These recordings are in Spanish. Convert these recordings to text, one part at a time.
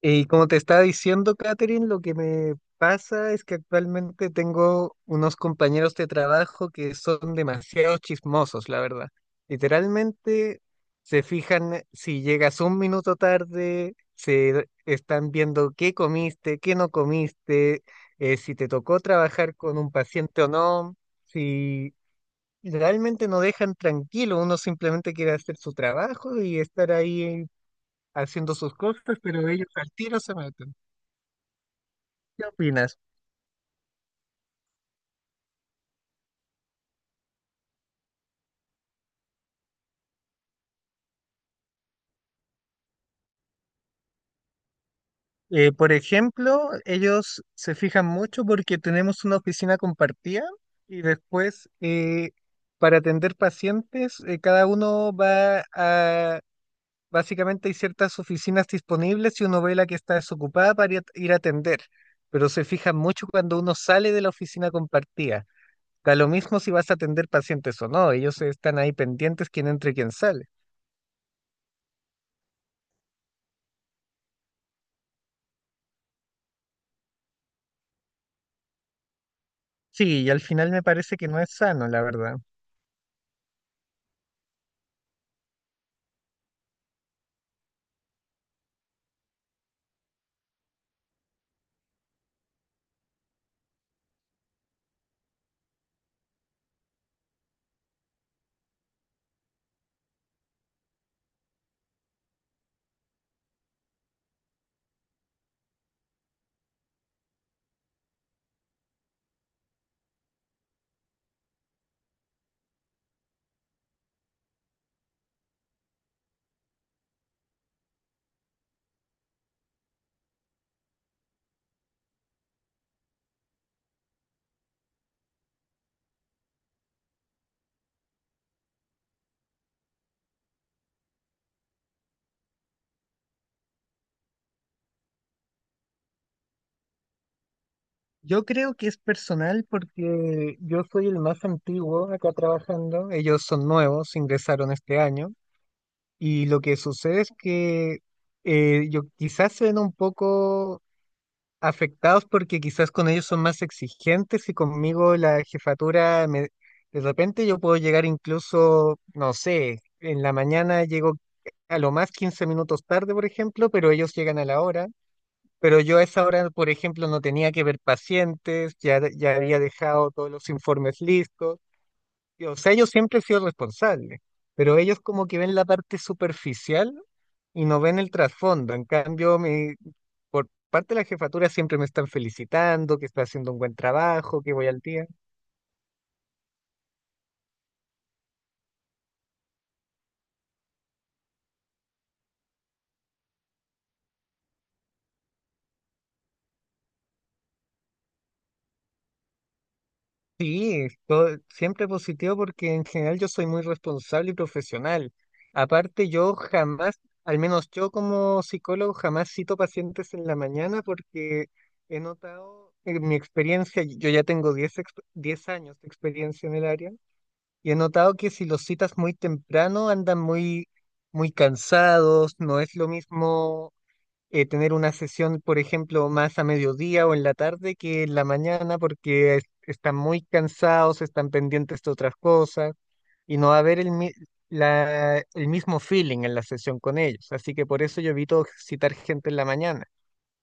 Y como te estaba diciendo, Catherine, lo que me pasa es que actualmente tengo unos compañeros de trabajo que son demasiado chismosos, la verdad. Literalmente se fijan si llegas 1 minuto tarde, se están viendo qué comiste, qué no comiste, si te tocó trabajar con un paciente o no, si realmente no dejan tranquilo, uno simplemente quiere hacer su trabajo y estar ahí haciendo sus cosas, pero ellos al tiro se meten. ¿Qué opinas? Por ejemplo, ellos se fijan mucho porque tenemos una oficina compartida y después para atender pacientes, cada uno va a, básicamente hay ciertas oficinas disponibles y uno ve la que está desocupada para ir a atender, pero se fijan mucho cuando uno sale de la oficina compartida. Da lo mismo si vas a atender pacientes o no, ellos están ahí pendientes quién entra y quién sale. Sí, y al final me parece que no es sano, la verdad. Yo creo que es personal porque yo soy el más antiguo acá trabajando, ellos son nuevos, ingresaron este año y lo que sucede es que yo quizás se ven un poco afectados porque quizás con ellos son más exigentes y conmigo la de repente yo puedo llegar incluso, no sé, en la mañana llego a lo más 15 minutos tarde, por ejemplo, pero ellos llegan a la hora. Pero yo a esa hora, por ejemplo, no tenía que ver pacientes, ya, había dejado todos los informes listos. O sea, yo siempre he sido responsable, pero ellos como que ven la parte superficial y no ven el trasfondo. En cambio, por parte de la jefatura siempre me están felicitando, que estoy haciendo un buen trabajo, que voy al día. Sí, siempre positivo porque en general yo soy muy responsable y profesional. Aparte, yo jamás, al menos yo como psicólogo, jamás cito pacientes en la mañana porque he notado en mi experiencia, y yo ya tengo 10 años de experiencia en el área, y he notado que si los citas muy temprano andan muy cansados, no es lo mismo tener una sesión, por ejemplo, más a mediodía o en la tarde que en la mañana porque están muy cansados, están pendientes de otras cosas y no va a haber el mismo feeling en la sesión con ellos. Así que por eso yo evito citar gente en la mañana.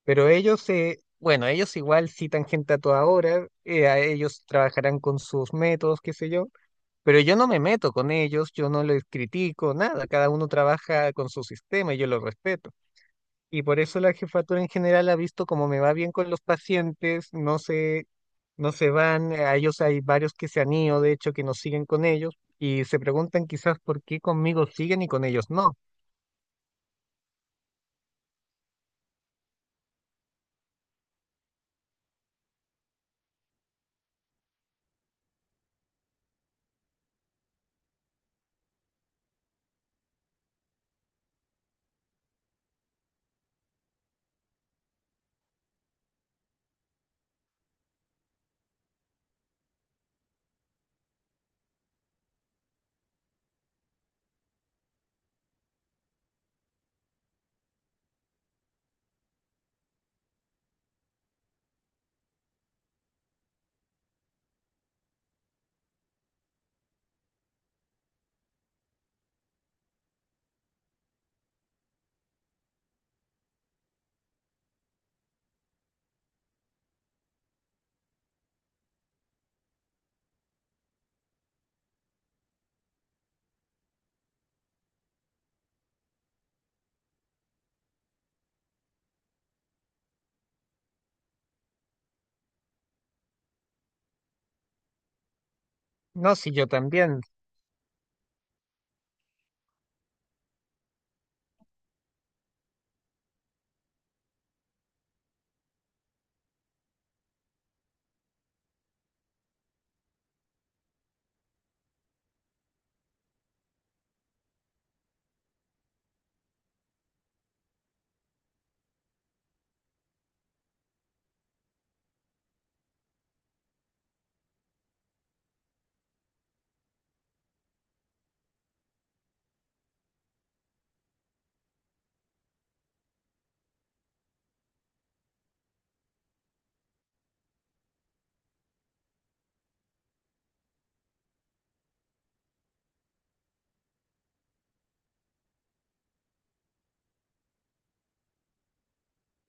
Pero ellos, bueno, ellos igual citan gente a toda hora, a ellos trabajarán con sus métodos, qué sé yo. Pero yo no me meto con ellos, yo no les critico, nada, cada uno trabaja con su sistema y yo lo respeto. Y por eso la jefatura en general ha visto cómo me va bien con los pacientes, no se van, a ellos hay varios que se han ido, de hecho, que nos siguen con ellos, y se preguntan quizás por qué conmigo siguen y con ellos no. No, si yo también.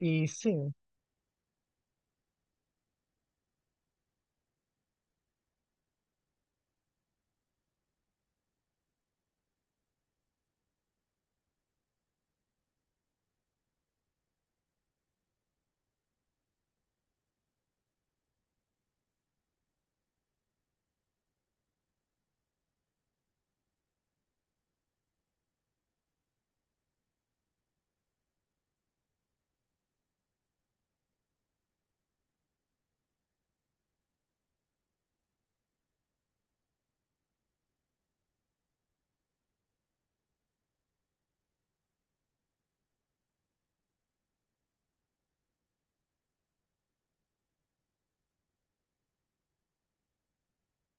Y sí,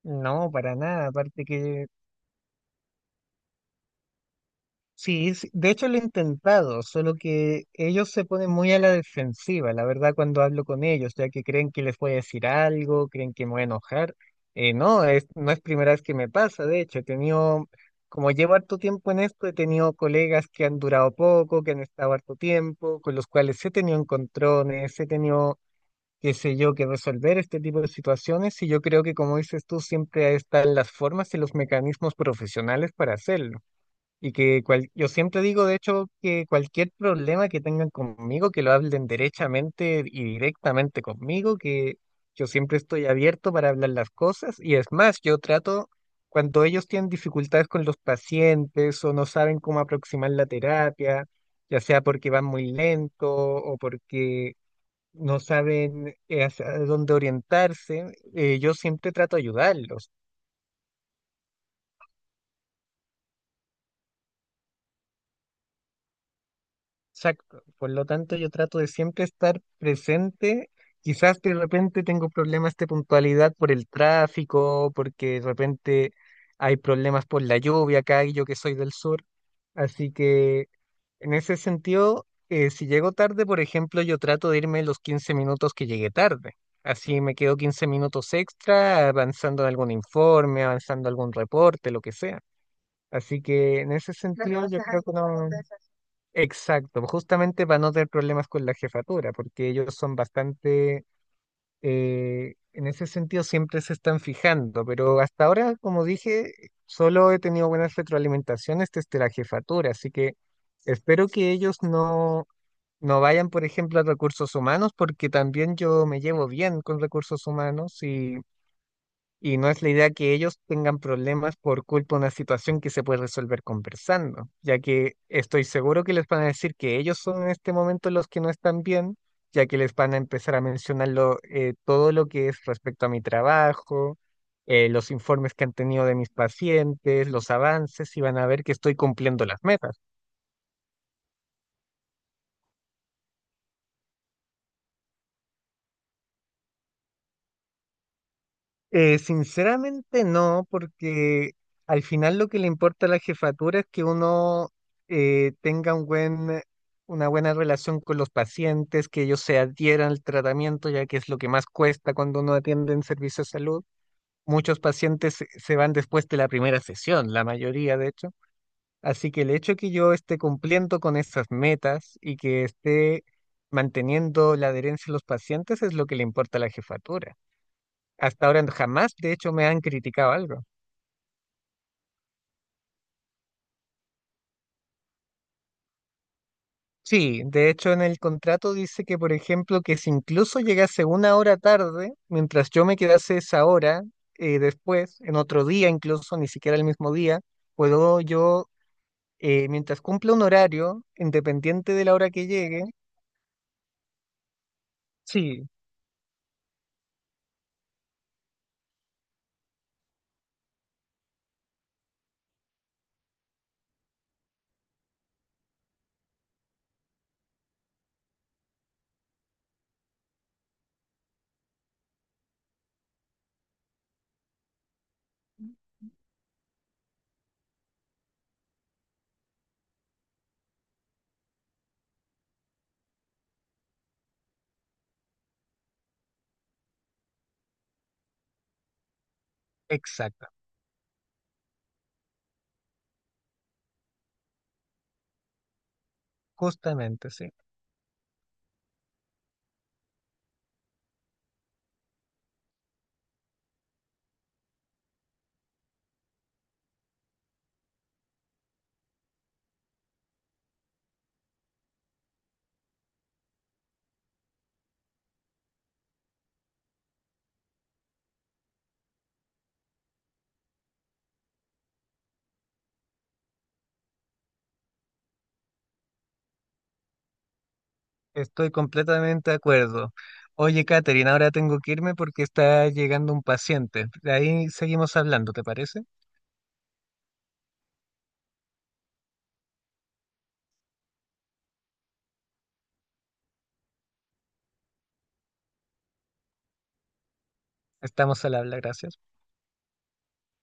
no, para nada, aparte que sí, sí, de hecho lo he intentado, solo que ellos se ponen muy a la defensiva, la verdad, cuando hablo con ellos, ya que creen que les voy a decir algo, creen que me voy a enojar. No, no es primera vez que me pasa, de hecho, he tenido, como llevo harto tiempo en esto, he tenido colegas que han durado poco, que han estado harto tiempo, con los cuales he tenido encontrones, he tenido, qué sé yo, que resolver este tipo de situaciones, y yo creo que, como dices tú, siempre están las formas y los mecanismos profesionales para hacerlo. Y que yo siempre digo, de hecho, que cualquier problema que tengan conmigo, que lo hablen derechamente y directamente conmigo, que yo siempre estoy abierto para hablar las cosas. Y es más, yo trato, cuando ellos tienen dificultades con los pacientes o no saben cómo aproximar la terapia, ya sea porque van muy lento o porque no saben hacia dónde orientarse, yo siempre trato de ayudarlos. Exacto. Por lo tanto, yo trato de siempre estar presente. Quizás de repente tengo problemas de puntualidad por el tráfico, porque de repente hay problemas por la lluvia acá y yo que soy del sur. Así que en ese sentido, si llego tarde, por ejemplo, yo trato de irme los 15 minutos que llegué tarde. Así me quedo 15 minutos extra avanzando en algún informe, avanzando algún reporte, lo que sea. Así que en ese sentido, yo creo que no. Exacto, justamente para no tener problemas con la jefatura, porque ellos son bastante, en ese sentido siempre se están fijando, pero hasta ahora, como dije, solo he tenido buenas retroalimentaciones desde la jefatura, así que espero que ellos no, no vayan, por ejemplo, a recursos humanos, porque también yo me llevo bien con recursos humanos y no es la idea que ellos tengan problemas por culpa de una situación que se puede resolver conversando, ya que estoy seguro que les van a decir que ellos son en este momento los que no están bien, ya que les van a empezar a mencionar todo lo que es respecto a mi trabajo, los informes que han tenido de mis pacientes, los avances, y van a ver que estoy cumpliendo las metas. Sinceramente no, porque al final lo que le importa a la jefatura es que uno tenga una buena relación con los pacientes, que ellos se adhieran al tratamiento, ya que es lo que más cuesta cuando uno atiende en servicio de salud. Muchos pacientes se van después de la primera sesión, la mayoría de hecho. Así que el hecho de que yo esté cumpliendo con esas metas y que esté manteniendo la adherencia de los pacientes es lo que le importa a la jefatura. Hasta ahora jamás, de hecho, me han criticado algo. Sí, de hecho, en el contrato dice que, por ejemplo, que si incluso llegase 1 hora tarde, mientras yo me quedase esa hora, después, en otro día incluso, ni siquiera el mismo día, puedo yo, mientras cumpla un horario, independiente de la hora que llegue. Sí, exacto, justamente, sí. Estoy completamente de acuerdo. Oye, Katherine, ahora tengo que irme porque está llegando un paciente. De ahí seguimos hablando, ¿te parece? Estamos al habla, gracias.